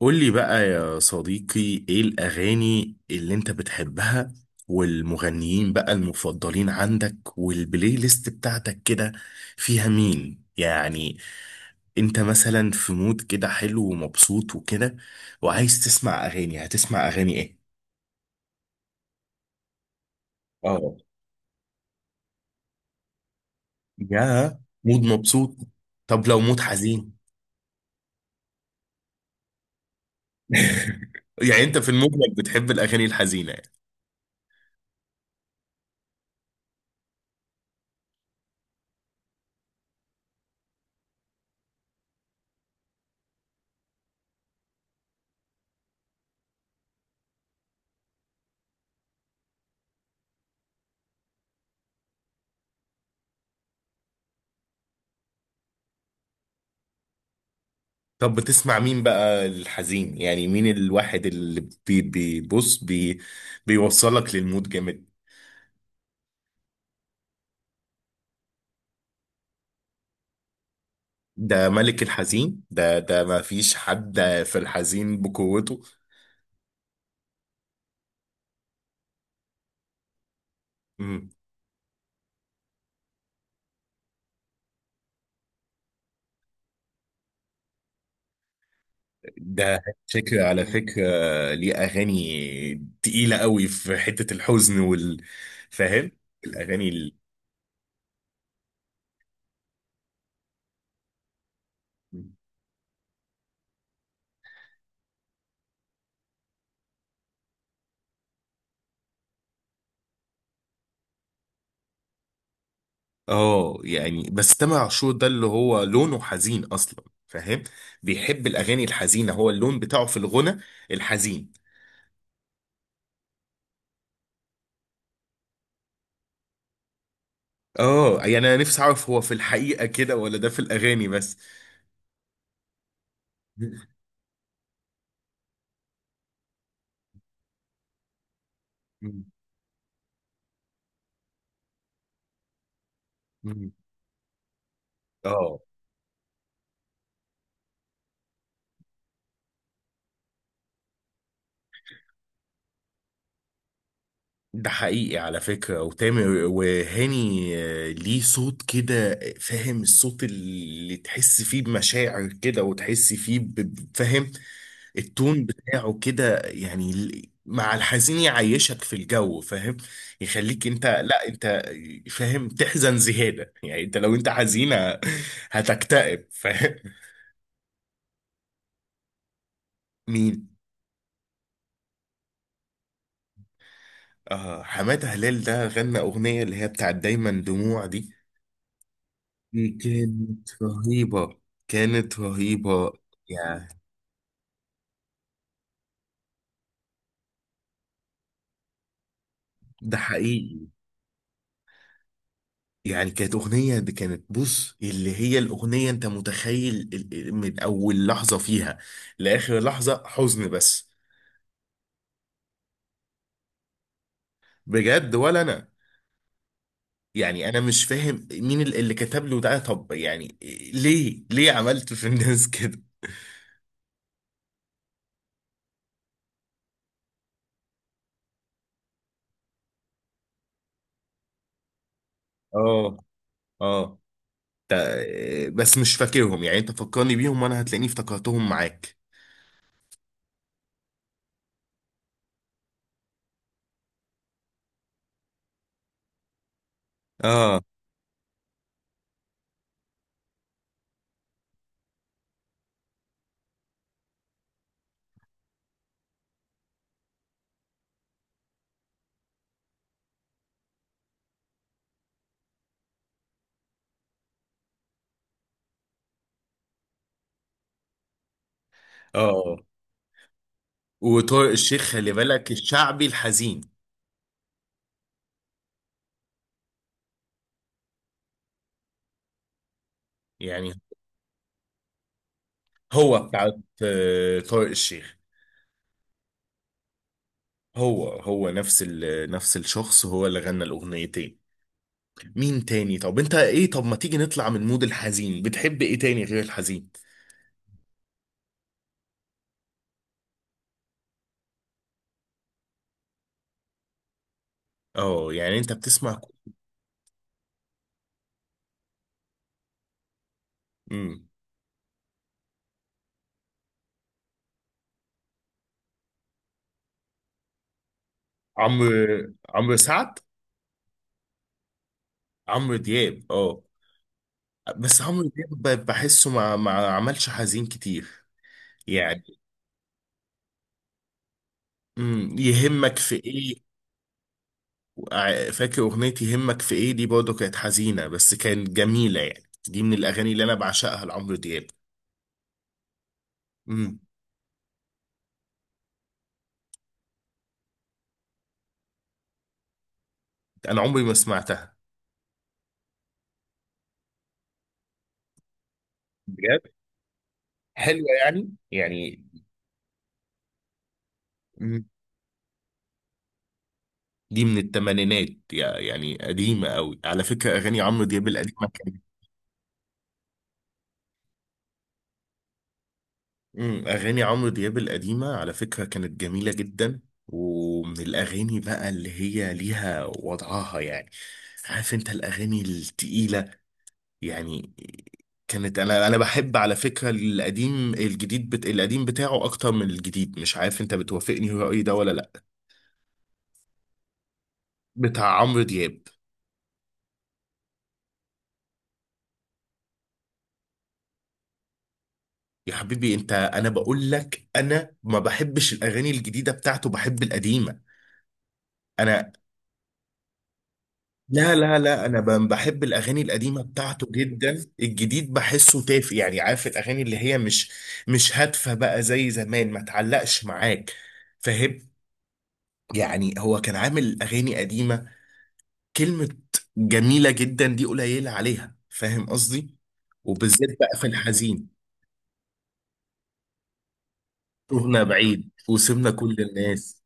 قولي بقى يا صديقي، ايه الأغاني اللي انت بتحبها والمغنيين بقى المفضلين عندك والبلاي ليست بتاعتك كده فيها مين يعني؟ انت مثلا في مود كده حلو ومبسوط وكده وعايز تسمع أغاني، هتسمع أغاني ايه؟ اه، يا مود مبسوط. طب لو مود حزين. يعني انت في المجمل بتحب الأغاني الحزينة. طب بتسمع مين بقى الحزين، يعني مين الواحد اللي بي بيبص بي بيوصلك للمود جامد؟ ده ملك الحزين ده ما فيش حد في الحزين بقوته. مم. ده شكل على فكرة ليه أغاني تقيلة قوي في حتة الحزن وال، فاهم؟ الأغاني ال... اه يعني بس تامر عاشور ده اللي هو لونه حزين أصلا، فاهم؟ بيحب الأغاني الحزينة، هو اللون بتاعه في الغنى الحزين. اه يعني انا نفسي اعرف هو في الحقيقة كده ولا ده في الاغاني بس. مم. مم. اه، ده حقيقي على فكرة. وتامر وهاني ليه صوت كده، فاهم؟ الصوت اللي تحس فيه بمشاعر كده، وتحس فيه فاهم؟ التون بتاعه كده يعني مع الحزين يعيشك في الجو، فاهم؟ يخليك انت، لا انت فاهم، تحزن زيادة، يعني انت لو انت حزينة هتكتئب، فاهم؟ مين؟ آه، حمادة هلال ده غنى أغنية اللي هي بتاعت دايما دموع دي. دي كانت رهيبة، كانت رهيبة يعني. ده حقيقي. يعني كانت أغنية دي، كانت بص اللي هي الأغنية، أنت متخيل من أول لحظة فيها لآخر لحظة حزن بس. بجد، ولا أنا يعني أنا مش فاهم مين اللي كتب له ده، طب يعني ليه عملت في الناس كده؟ آه، آه، بس مش فاكرهم، يعني انت فكرني بيهم وانا هتلاقيني افتكرتهم معاك. اه، اه. وطارق الشيخ خلي بالك، الشعبي الحزين يعني. هو بتاع آه، طارق الشيخ. هو هو نفس نفس الشخص، هو اللي غنى الاغنيتين. مين تاني؟ طب انت ايه؟ طب ما تيجي نطلع من مود الحزين، بتحب ايه تاني غير الحزين؟ اه يعني انت بتسمع. امم، عمرو، عمرو سعد عمرو دياب؟ اه، بس عمرو دياب بحسه ما عملش حزين كتير يعني. امم، يهمك في ايه. فاكر اغنية يهمك في ايه دي؟ برضه كانت حزينة بس كانت جميلة يعني، دي من الاغاني اللي انا بعشقها لعمرو دياب. امم. انا عمري ما سمعتها. بجد؟ حلوة يعني يعني؟ مم. دي من الثمانينات يعني قديمة قوي، على فكرة اغاني عمرو دياب القديمة كانت، امم، اغاني عمرو دياب القديمة على فكرة كانت جميلة جدا، ومن الاغاني بقى اللي هي ليها وضعها يعني، عارف انت، الاغاني التقيلة يعني. كانت، انا بحب على فكره القديم، الجديد القديم بتاعه اكتر من الجديد، مش عارف انت بتوافقني في رايي ده ولا لا؟ بتاع عمرو دياب. يا حبيبي انت، انا بقول لك انا ما بحبش الاغاني الجديده بتاعته، بحب القديمه انا. لا انا بحب الاغاني القديمه بتاعته جدا، الجديد بحسه تافه يعني، عارف الاغاني اللي هي مش مش هادفه بقى زي زمان، ما تعلقش معاك، فاهم؟ يعني هو كان عامل اغاني قديمه كلمة جميلة جدا دي قليلة عليها، فاهم قصدي؟ وبالذات بقى في الحزين. تهنا بعيد وسيبنا كل الناس.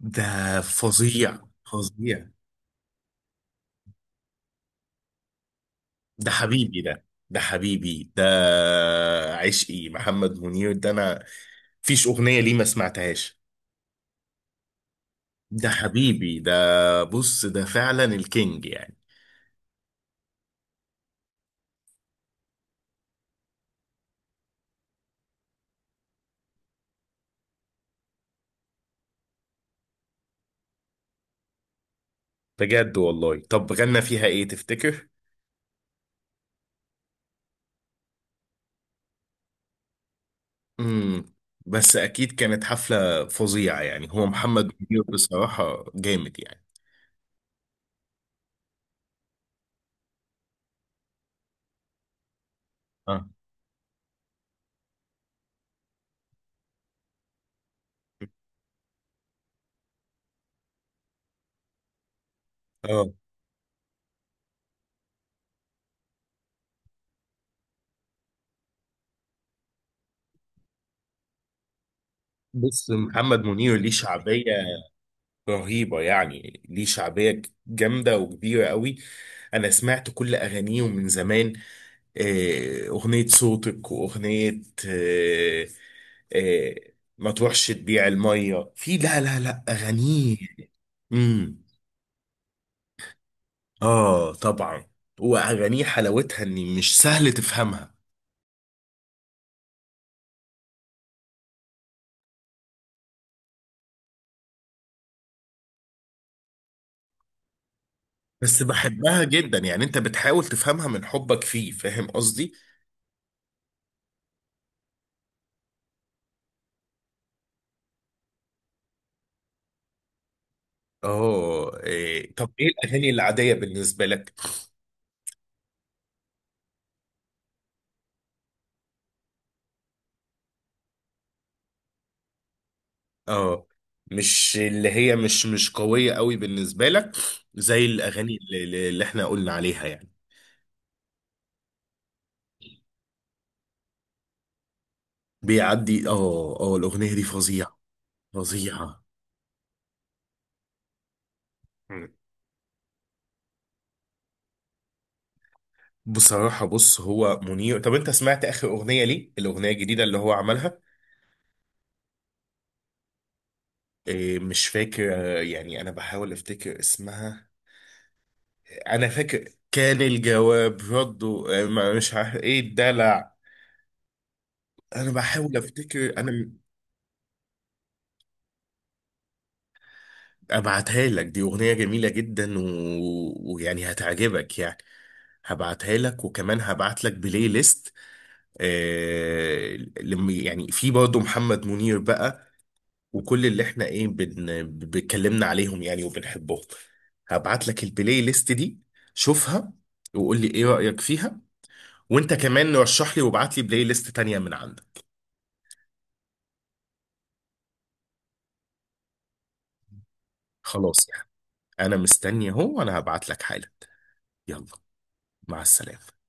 ده فظيع، فظيع. ده حبيبي ده، ده حبيبي ده، عشقي محمد منير ده انا، فيش اغنية ليه ما سمعتهاش. ده حبيبي ده، بص ده فعلا الكينج يعني. بجد والله؟ طب غنى فيها ايه تفتكر؟ امم. بس اكيد كانت حفله فظيعه يعني، هو محمد منير بصراحه جامد يعني. اه، اه. بص محمد منير ليه شعبيه رهيبه يعني، ليه شعبيه جامده وكبيره قوي. انا سمعت كل اغانيه من زمان، اغنيه صوتك، واغنيه آه، آه، ما تروحش تبيع الميه في، لا اغانيه. امم. اه طبعا. واغانيه حلاوتها ان مش سهل تفهمها، بس بحبها جدا يعني، انت بتحاول تفهمها من حبك فيه، فاهم قصدي؟ اه، إيه؟ طب ايه الاغاني العاديه بالنسبه لك؟ اه، مش اللي هي مش قويه قوي بالنسبه لك، زي الاغاني اللي احنا قلنا عليها يعني. بيعدي، اه اه، الاغنيه دي فظيعه، فظيعه. بصراحه بص، هو منير، طب انت سمعت اخر اغنيه ليه، الاغنيه الجديده اللي هو عملها؟ إيه مش فاكر، آه، يعني انا بحاول افتكر اسمها، انا فاكر كان الجواب رده، آه، مش عارف ايه الدلع، انا بحاول افتكر انا. ابعتها لك، دي اغنية جميلة جدا و... ويعني هتعجبك يعني، هبعتها لك وكمان هبعت لك بلاي ليست، آه... لم... يعني في برضه محمد منير بقى وكل اللي احنا ايه بنتكلمنا عليهم يعني وبنحبهم، هبعت لك البلاي ليست دي، شوفها وقول لي ايه رأيك فيها. وانت كمان رشح لي وابعت لي بلاي ليست تانية من عندك. خلاص يعني، انا مستني اهو وانا هبعت لك حالا. يلا، مع السلامة.